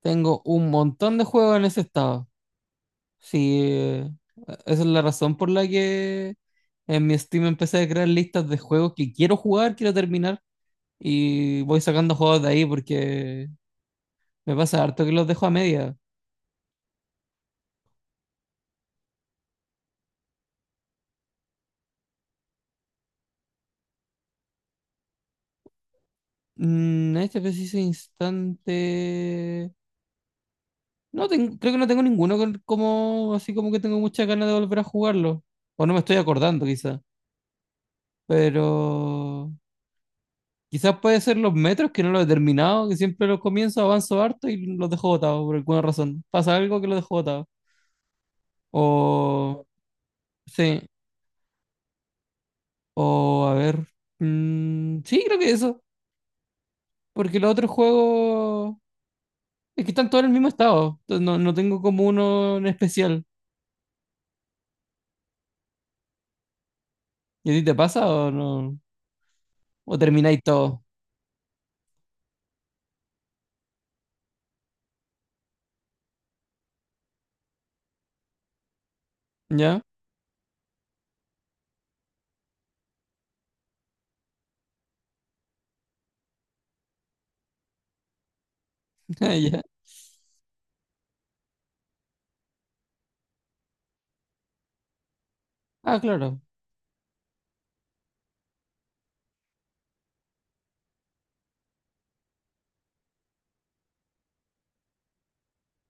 Tengo un montón de juegos en ese estado. Sí, esa es la razón por la que en mi Steam empecé a crear listas de juegos que quiero jugar, quiero terminar. Y voy sacando juegos de ahí porque me pasa harto que los dejo a media. En este preciso instante. No tengo, creo que no tengo ninguno como así como que tengo muchas ganas de volver a jugarlo. O no me estoy acordando quizá. Pero quizás puede ser los metros, que no lo he terminado, que siempre los comienzo, avanzo harto y los dejo botados por alguna razón. Pasa algo que los dejo botados. O, sí, o a ver. Sí, creo que eso. Porque los otros juegos es que están todos en el mismo estado. Entonces no tengo como uno en especial. ¿Y a ti te pasa o no? ¿O termináis todo? ¿Ya? Ah, ¿ya? Ah, claro.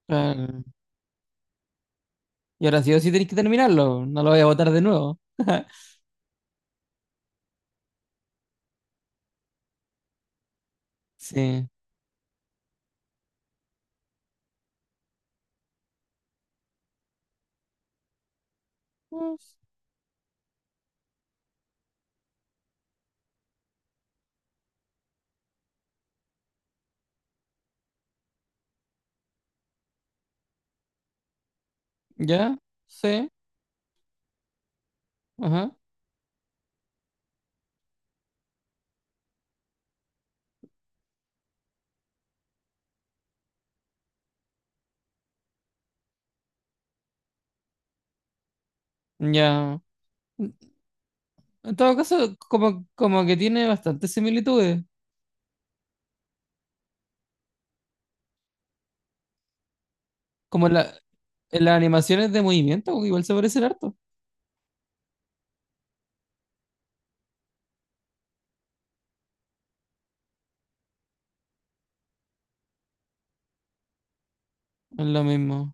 Ah, y ahora sí o sí tenéis que terminarlo. No lo voy a botar de nuevo. Sí. Pues, ¿ya? Sí. Ajá. Ya. En todo caso, como que tiene bastantes similitudes. Como la, en las animaciones de movimiento, pues, igual se parecen harto. Es lo mismo.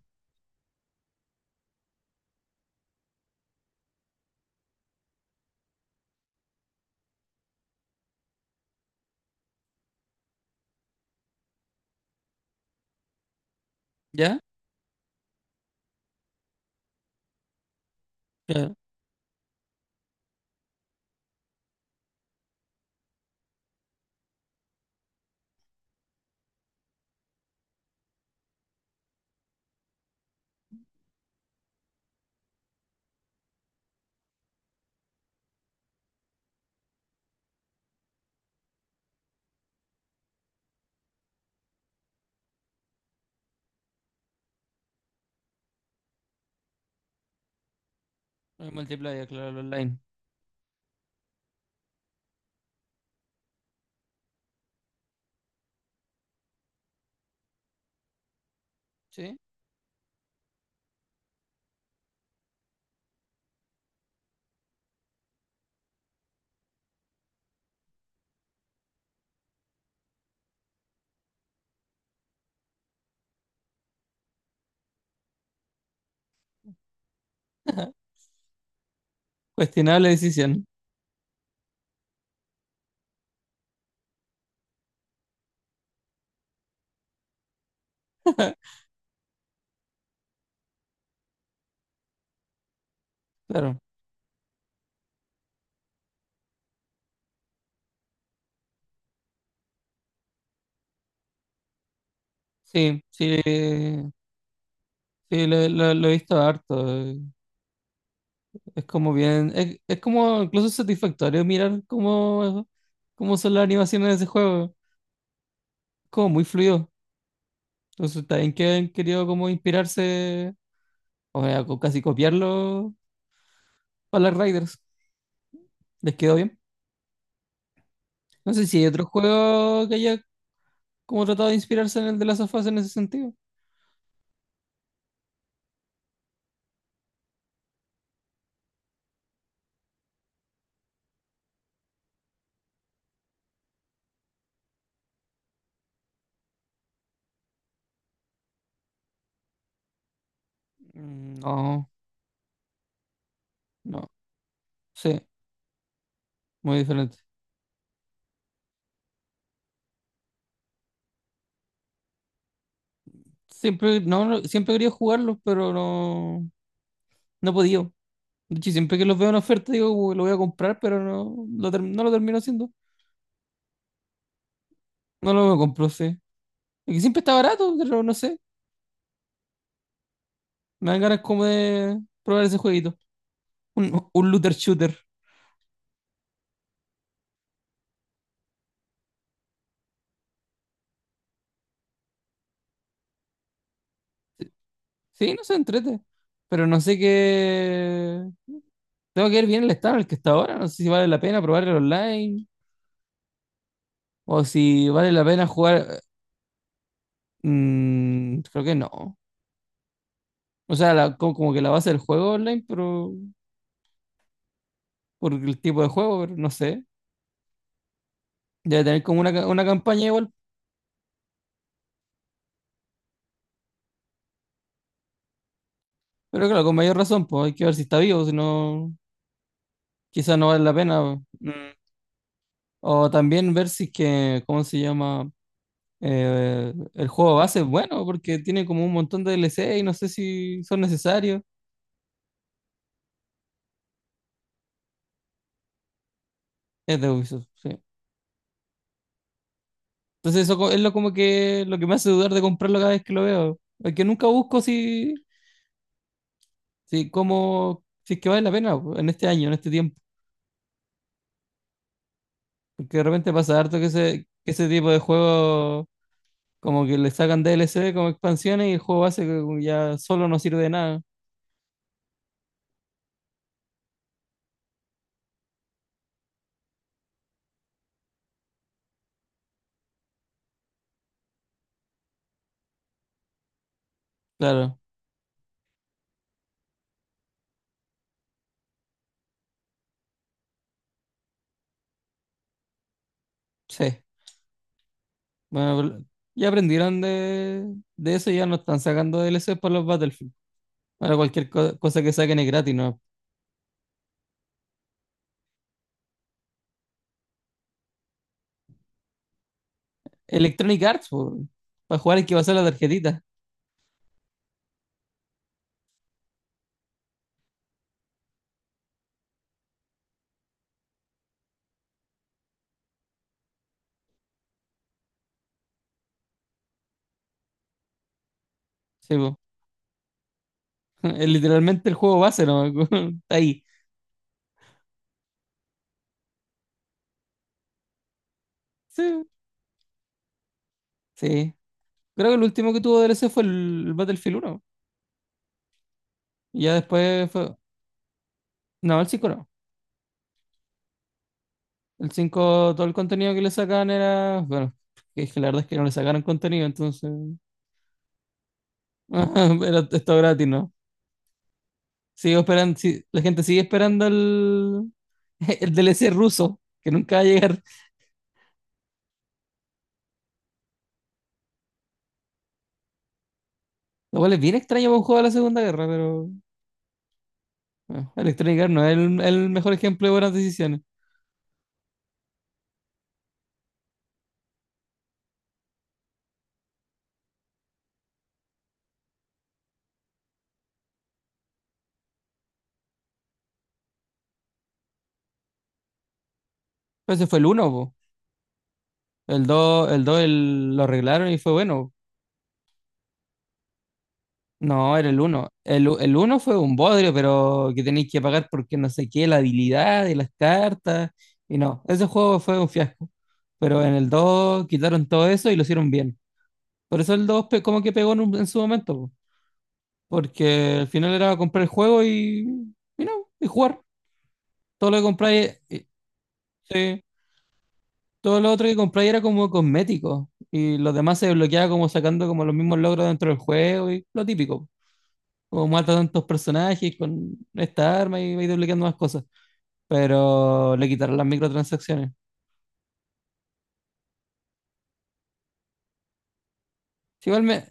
¿Ya? Claro. El multiplayer, claro, el online. Sí. Cuestionable decisión. Claro. Sí, sí. Sí, lo he visto harto. Es como bien. Es como incluso satisfactorio mirar cómo, cómo son las animaciones de ese juego. Como muy fluido. Entonces, también que han querido como inspirarse. O sea, casi copiarlo para las Riders. Les quedó bien. No sé si hay otro juego que haya como tratado de inspirarse en el de las sofás en ese sentido. Mm, no, no. Sí, muy diferente. Siempre, no, no, siempre quería jugarlos, pero no, no he podido. De hecho, siempre que los veo en oferta digo, "Uy, lo voy a comprar", pero no lo, no lo termino haciendo. No lo compro, sí. Es que siempre está barato, pero no sé. Me dan ganas como de probar ese jueguito. Un, un looter shooter. Sí, no se entrete. Pero no sé qué. Tengo que ver bien el estado en el que está ahora. No sé si vale la pena probar el online o si vale la pena jugar. Mm, creo que no. O sea, como, como que la base del juego online, pero por el tipo de juego, pero no sé. Debe tener como una, una campaña igual. Pero claro, con mayor razón, pues hay que ver si está vivo, si no, quizás no vale la pena. Mm. O también ver si es que, ¿cómo se llama? El juego base es bueno, porque tiene como un montón de DLC y no sé si son necesarios. Es de Ubisoft, sí. Entonces eso es lo que me hace dudar de comprarlo cada vez que lo veo. Porque nunca busco si, si cómo si es que vale la pena po, en este año, en este tiempo. Porque de repente pasa harto que que ese tipo de juegos como que le sacan DLC como expansiones y el juego base que ya solo no sirve de nada. Claro, sí. Bueno, ya aprendieron de eso y ya no están sacando DLC para los Battlefield. Para cualquier cosa que saquen es gratis, ¿no? Electronic Arts, po, para jugar hay que pasar la tarjetita. Sí, po. Es literalmente el juego base, ¿no? Está ahí. Sí, sí. Creo que el último que tuvo DLC fue el Battlefield uno. Y ya después fue. No, el 5 no. El cinco todo el contenido que le sacaban era. Bueno, es que la verdad es que no le sacaron contenido, entonces. Era esto gratis, ¿no? Sigo esperando. Sí, la gente sigue esperando el, el DLC ruso, que nunca va a llegar. Lo cual es bien extraño para un juego de la Segunda Guerra, pero bueno, Electronic Arts no es el mejor ejemplo de buenas decisiones. Pero ese fue el uno. El 2 lo arreglaron y fue bueno. No, era el uno. El uno fue un bodrio, pero que tenéis que pagar porque no sé qué, la habilidad de las cartas. Y no, ese juego fue un fiasco. Pero en el 2 quitaron todo eso y lo hicieron bien. Por eso el 2 como que pegó en, en su momento, po. Porque al final era comprar el juego y no, y jugar. Todo lo que compráis, sí, todo lo otro que compráis era como cosmético. Y los demás se desbloqueaba como sacando como los mismos logros dentro del juego y lo típico. Como mata tantos personajes con esta arma y va duplicando más cosas. Pero le quitaron las microtransacciones. Sí, igual me.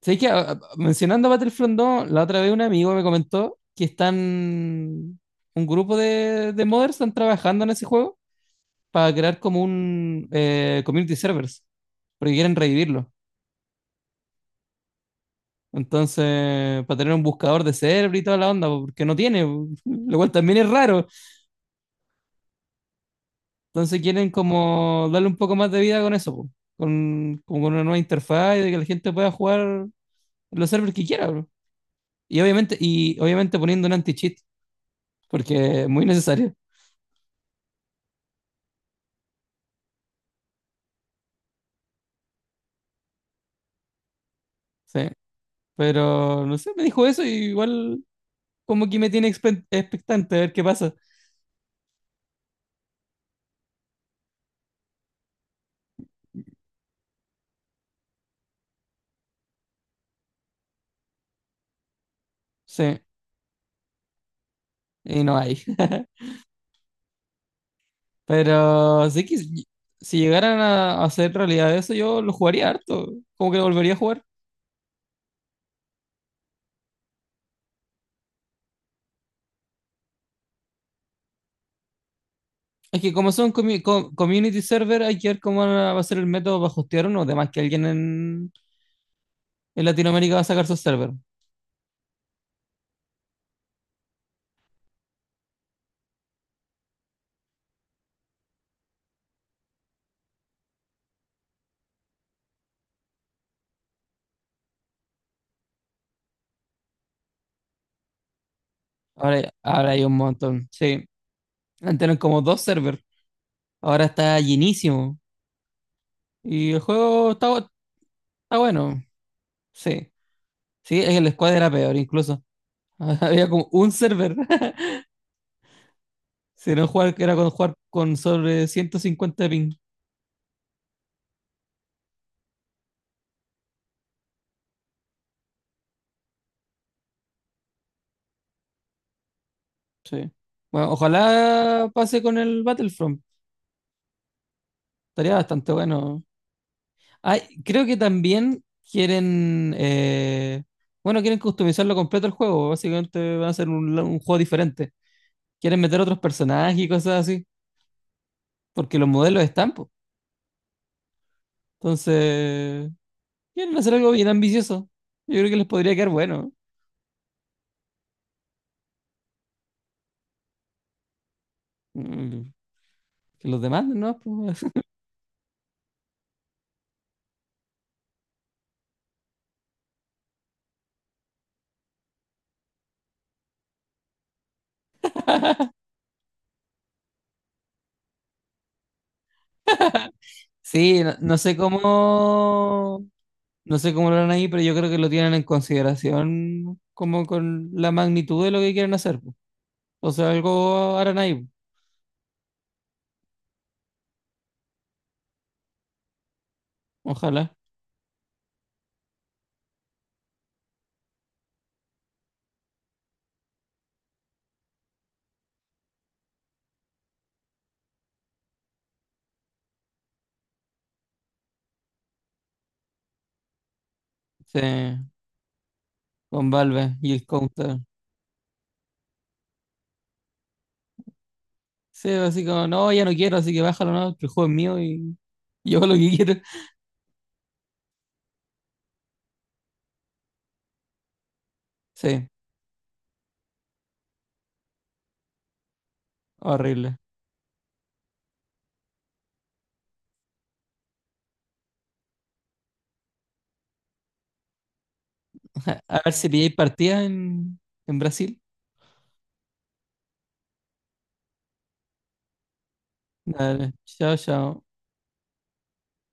Sé que mencionando Battlefront 2, la otra vez un amigo me comentó que están. Un grupo de modders están trabajando en ese juego para crear como un community servers, porque quieren revivirlo. Entonces, para tener un buscador de server y toda la onda, porque no tiene, lo cual también es raro. Entonces quieren como darle un poco más de vida con eso, po. Con, como con una nueva interfaz y de que la gente pueda jugar los servers que quiera, bro. Y obviamente poniendo un anti-cheat, porque es muy necesario, sí. Pero no sé, me dijo eso y igual como que me tiene expectante a ver qué pasa. Sí, y no hay. Pero sí que si, si llegaran a hacer realidad eso, yo lo jugaría harto. Como que lo volvería a jugar. Es que como son community server, hay que ver cómo va a ser el método para hostear uno. Además que alguien en Latinoamérica va a sacar su server. Ahora, ahora hay un montón. Sí, antes eran como dos servers. Ahora está llenísimo. Y el juego está, está bueno. Sí, sí, es que el squad era peor incluso. Había como un server. Si no jugar, que era con jugar con sobre 150 ping. Sí. Bueno, ojalá pase con el Battlefront. Estaría bastante bueno. Ay, creo que también quieren, bueno, quieren customizarlo completo el juego. Básicamente va a ser un juego diferente. Quieren meter otros personajes y cosas así, porque los modelos están, po. Entonces, quieren hacer algo bien ambicioso. Yo creo que les podría quedar bueno. Mm, que los demanden, ¿no? Pues, sí, no, no sé cómo, no sé cómo lo harán ahí, pero yo creo que lo tienen en consideración como con la magnitud de lo que quieren hacer, po. O sea, algo harán ahí, po. Ojalá. Sí. Con Valve y el Counter. Sí, así como, no, ya no quiero, así que bájalo, no, que el juego es mío y yo hago lo que quiero. Sí, horrible. A ver si pilláis partidas en Brasil. Dale, chao, chao.